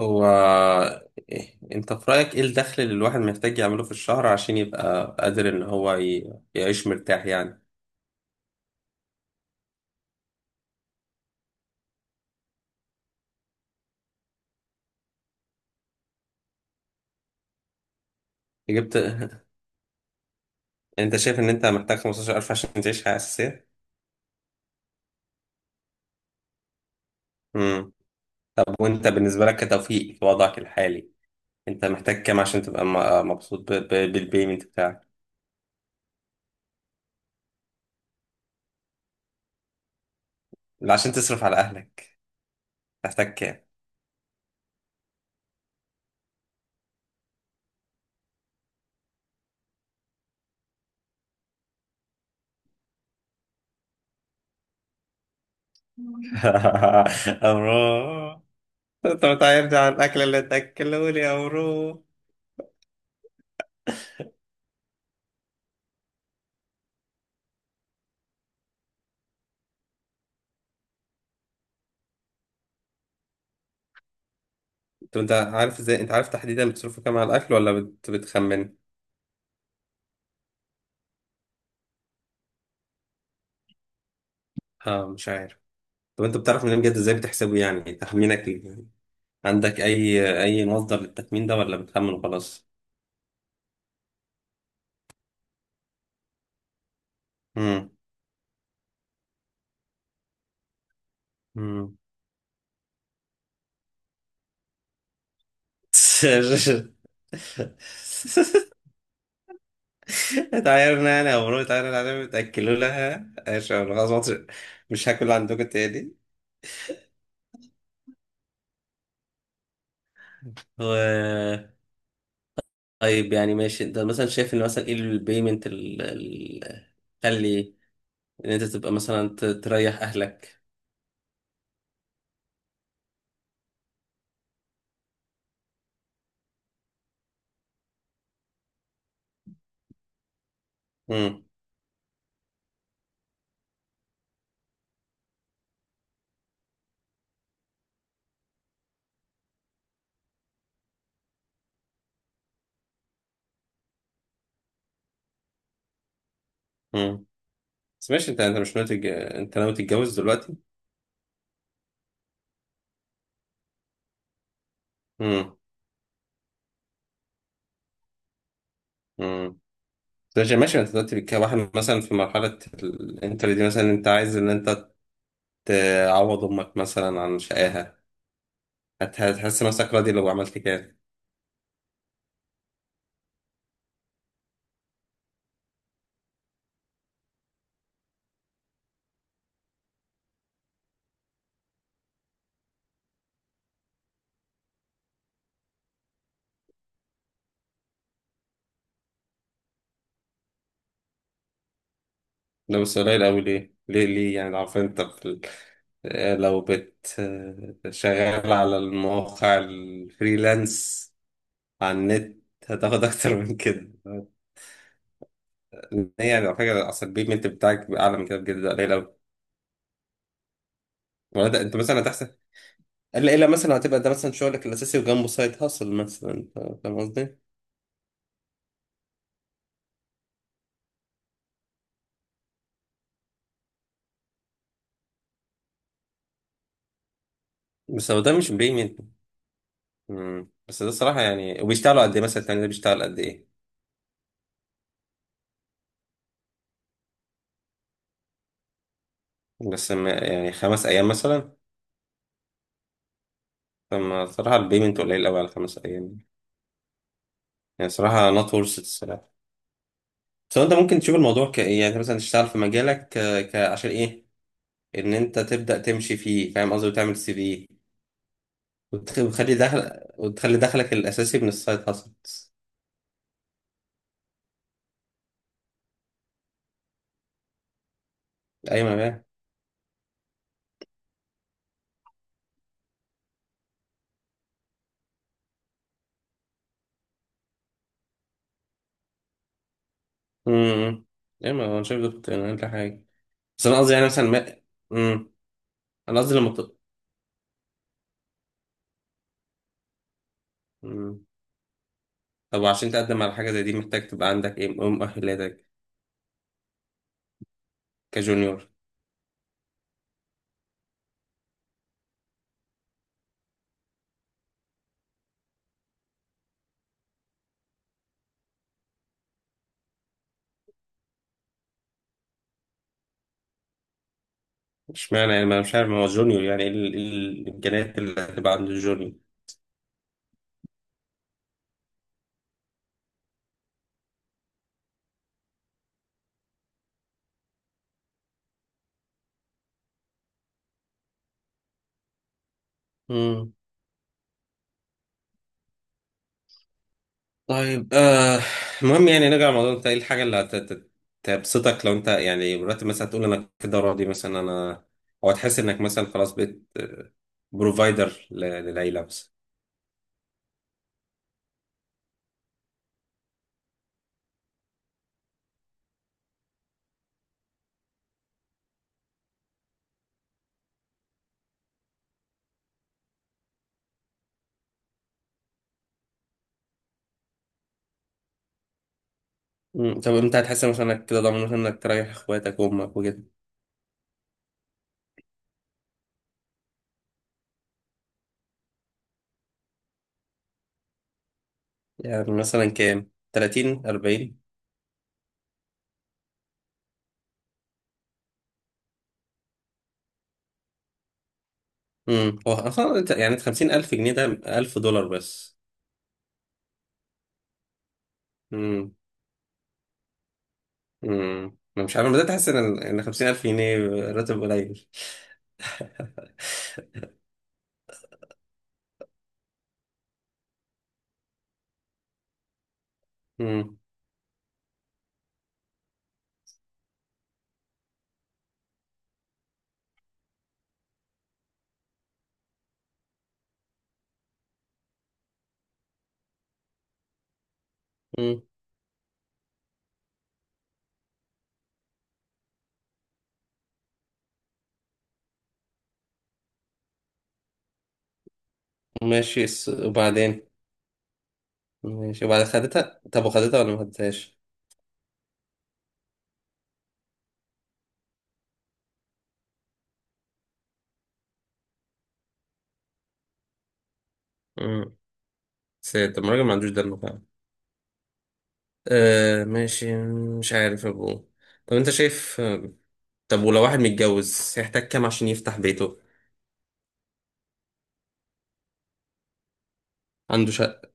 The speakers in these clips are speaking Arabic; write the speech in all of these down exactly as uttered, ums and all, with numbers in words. هو، إيه انت في رأيك ايه الدخل اللي الواحد محتاج يعمله في الشهر عشان يبقى قادر ان هو ي- يعيش مرتاح يعني جبت. انت شايف ان انت محتاج خمسة عشر ألف عشان تعيش حياة أساسية؟ امم طب وانت بالنسبة لك كتوفيق في وضعك الحالي، انت محتاج كام عشان تبقى م- مبسوط ب- ب- بالبيمنت بتاعك؟ لا، عشان تصرف على اهلك محتاج كام؟ أمرو، انت بتعرفني على الاكل اللي تاكلوني يا أمرو. طب انت عارف ازاي، انت عارف تحديدا بتصرفوا كام على الاكل ولا بت... بتخمن؟ اه، مش عارف. طب انت بتعرف منين بجد، ازاي بتحسبه يعني تخمينك ليه؟ يعني عندك اي اي مصدر للتخمين ده ولا بتخمن وخلاص؟ امم. امم. اتعايرنا يعني يا مرو، اتعايرنا عليهم، تاكلوا لها ايش، أنا خلاص مصر- مش هاكل عندكم تاني. و... طيب يعني ماشي، انت مثلا شايف ان مثلا ايه البيمنت اللي تخلي ان انت تبقى مثلا ت- تريح اهلك؟ امم. امم. بس ماشي، انت انت مش ناوي تتج... انت ناوي تتجوز دلوقتي؟ امم. امم. ماشي ماشي، انت دلوقتي كواحد مثلا في مرحلة الانتر دي، مثلا انت عايز ان انت تعوض امك مثلا عن شقاها. هت- هتحس نفسك راضي لو عملت كده؟ لو بس قليل قوي، ليه ليه ليه يعني؟ لو عارف انت في ال... اه، لو بت اه، شغال على المواقع الفريلانس على النت هتاخد اكتر من كده. إن هي يعني على فكرة اصل البيمنت بتاعك بيبقى اعلى من كده بجد، ده قليل قوي. ولا ده انت مثلا هتحسن، الا الا مثلا هتبقى ده مثلا شغلك الاساسي وجنبه سايد هاسل مثلا انت، فاهم قصدي؟ بس هو ده مش بيمين. بس ده الصراحه يعني. وبيشتغلوا قد ايه مثلا؟ التاني ده بيشتغل قد ايه؟ بس ما يعني خمس ايام مثلا؟ فما صراحه البيمنت قليل قوي على خمس ايام. يعني صراحه نوت ورث الصراحه. بس هو انت ممكن تشوف الموضوع كايه، يعني انت مثلا تشتغل في مجالك ك... ك... عشان ايه ان انت تبدا تمشي فيه، فاهم قصدي، وتعمل سي في وتخلي دخل وتخلي دخلك الاساسي من السايد هاسلز. ايوه. امم. ايه ما هو انا شايف ده كنت اقل حاجه. بس انا قصدي يعني مثلا ما امم. انا قصدي لما ت... مم. طب عشان تقدم على حاجه زي دي، محتاج تبقى عندك ايه، إيه مؤهلاتك كجونيور؟ اشمعنى يعني، ما أنا مش عارف ما هو جونيور يعني ايه، ال- إيه الامكانيات اللي هتبقى عند الجونيور؟ امم. طيب آه، المهم يعني نرجع لموضوع انت ايه الحاجه اللي هت- هت- تبسطك لو انت يعني مرتب، مثلا تقول انا كده راضي مثلا انا، او تحس انك مثلا خلاص بقيت بروفايدر للعيله. مم. طب انت هتحس مثلا انك كده ضامن مثلا انك تريح اخواتك وامك وكده؟ يعني مثلا كام، ثلاثين أربعين؟ امم. هو اصلا انت- يعني خمسين ألف جنيه ده ألف دولار بس. امم. امم. انا مش عارف، أنا بدأت احس ان ان خمسين ألف جنيه راتب قليل. امم. امم. ماشي الس- وبعدين. ماشي، وبعد خدتها طب، وخدتها ولا ما خدتهاش؟ امم. سيد، طب ما الراجل ما عندوش دم فعلا؟ آه ماشي. مش عارف يا ابو. طب انت شايف، طب ولو واحد متجوز هيحتاج كام عشان يفتح بيته؟ عنده شقة.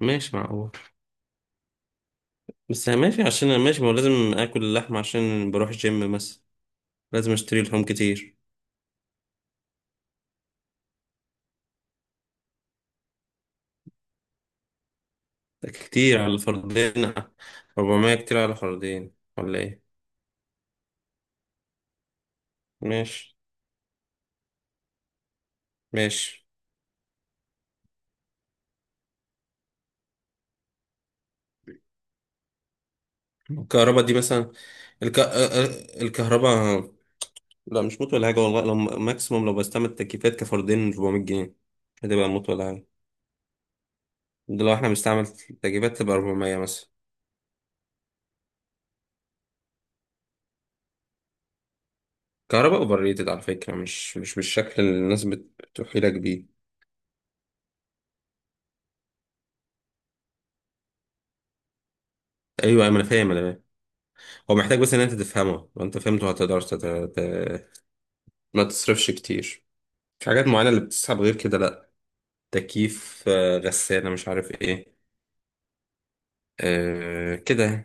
ماشي معقول. بس يعني ماشي، عشان انا ماشي ما هو لازم اكل اللحمة عشان بروح جيم مثلا، لازم اشتري لحوم كتير. ده كتير على الفردين. أربعمية كتير على الفردين ولا ايه؟ ماشي. ماشي. الكهرباء دي مثلا، الك... آه، آه، الكهرباء، لا مش موت ولا حاجة والله. لو ماكسيموم لو بستعمل تكييفات كفردين أربعمية جنيه، هتبقى موت ولا حاجة. ده لو احنا بنستعمل تكييفات تبقى أربعمية مثلا. كهرباء اوفر ريتد على فكره، مش مش بالشكل اللي الناس بت- بتوحي لك بيه. ايوه ايوه، انا فاهم انا فاهم. هو محتاج بس ان انت تفهمه، لو انت فهمته هتقدر تت... ت... ما تصرفش كتير. في حاجات معينه اللي بتسحب غير كده، لا. تكييف آه، غساله مش عارف ايه، آه كده.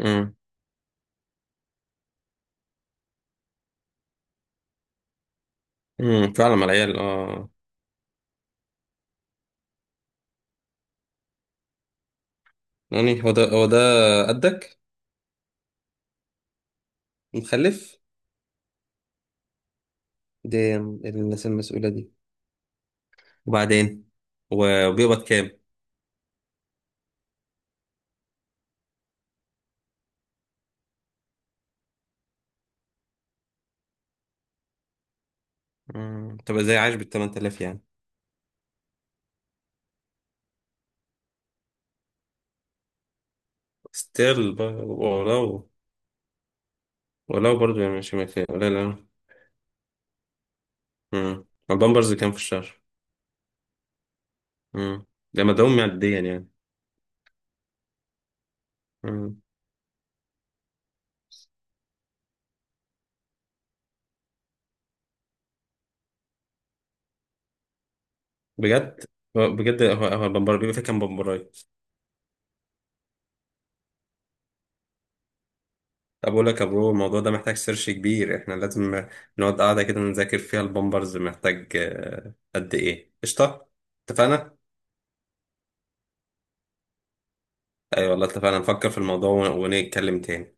امم. امم. فعلا مع العيال اه. يعني هو ده هو ده قدك مخلف؟ دي الناس المسؤوله دي. وبعدين و- وبيقبض كام؟ مم، تبقى زي عايش بال تمنتلاف يعني. ستيل. ولو برضو يعني مش مثال، لا لا. امم. البامبرز كام في الشهر؟ امم. ده مدعوم معديا يعني. امم. بجد هو- بجد هو هو البامبر بيبقى فيه كام بامبرايه؟ طب اقول لك يا برو، الموضوع ده محتاج سيرش كبير. احنا لازم نقعد قاعده كده نذاكر فيها البامبرز محتاج آه، قد ايه قشطه. اتفقنا. اي أيوة والله اتفقنا نفكر في الموضوع ون- ونتكلم تاني.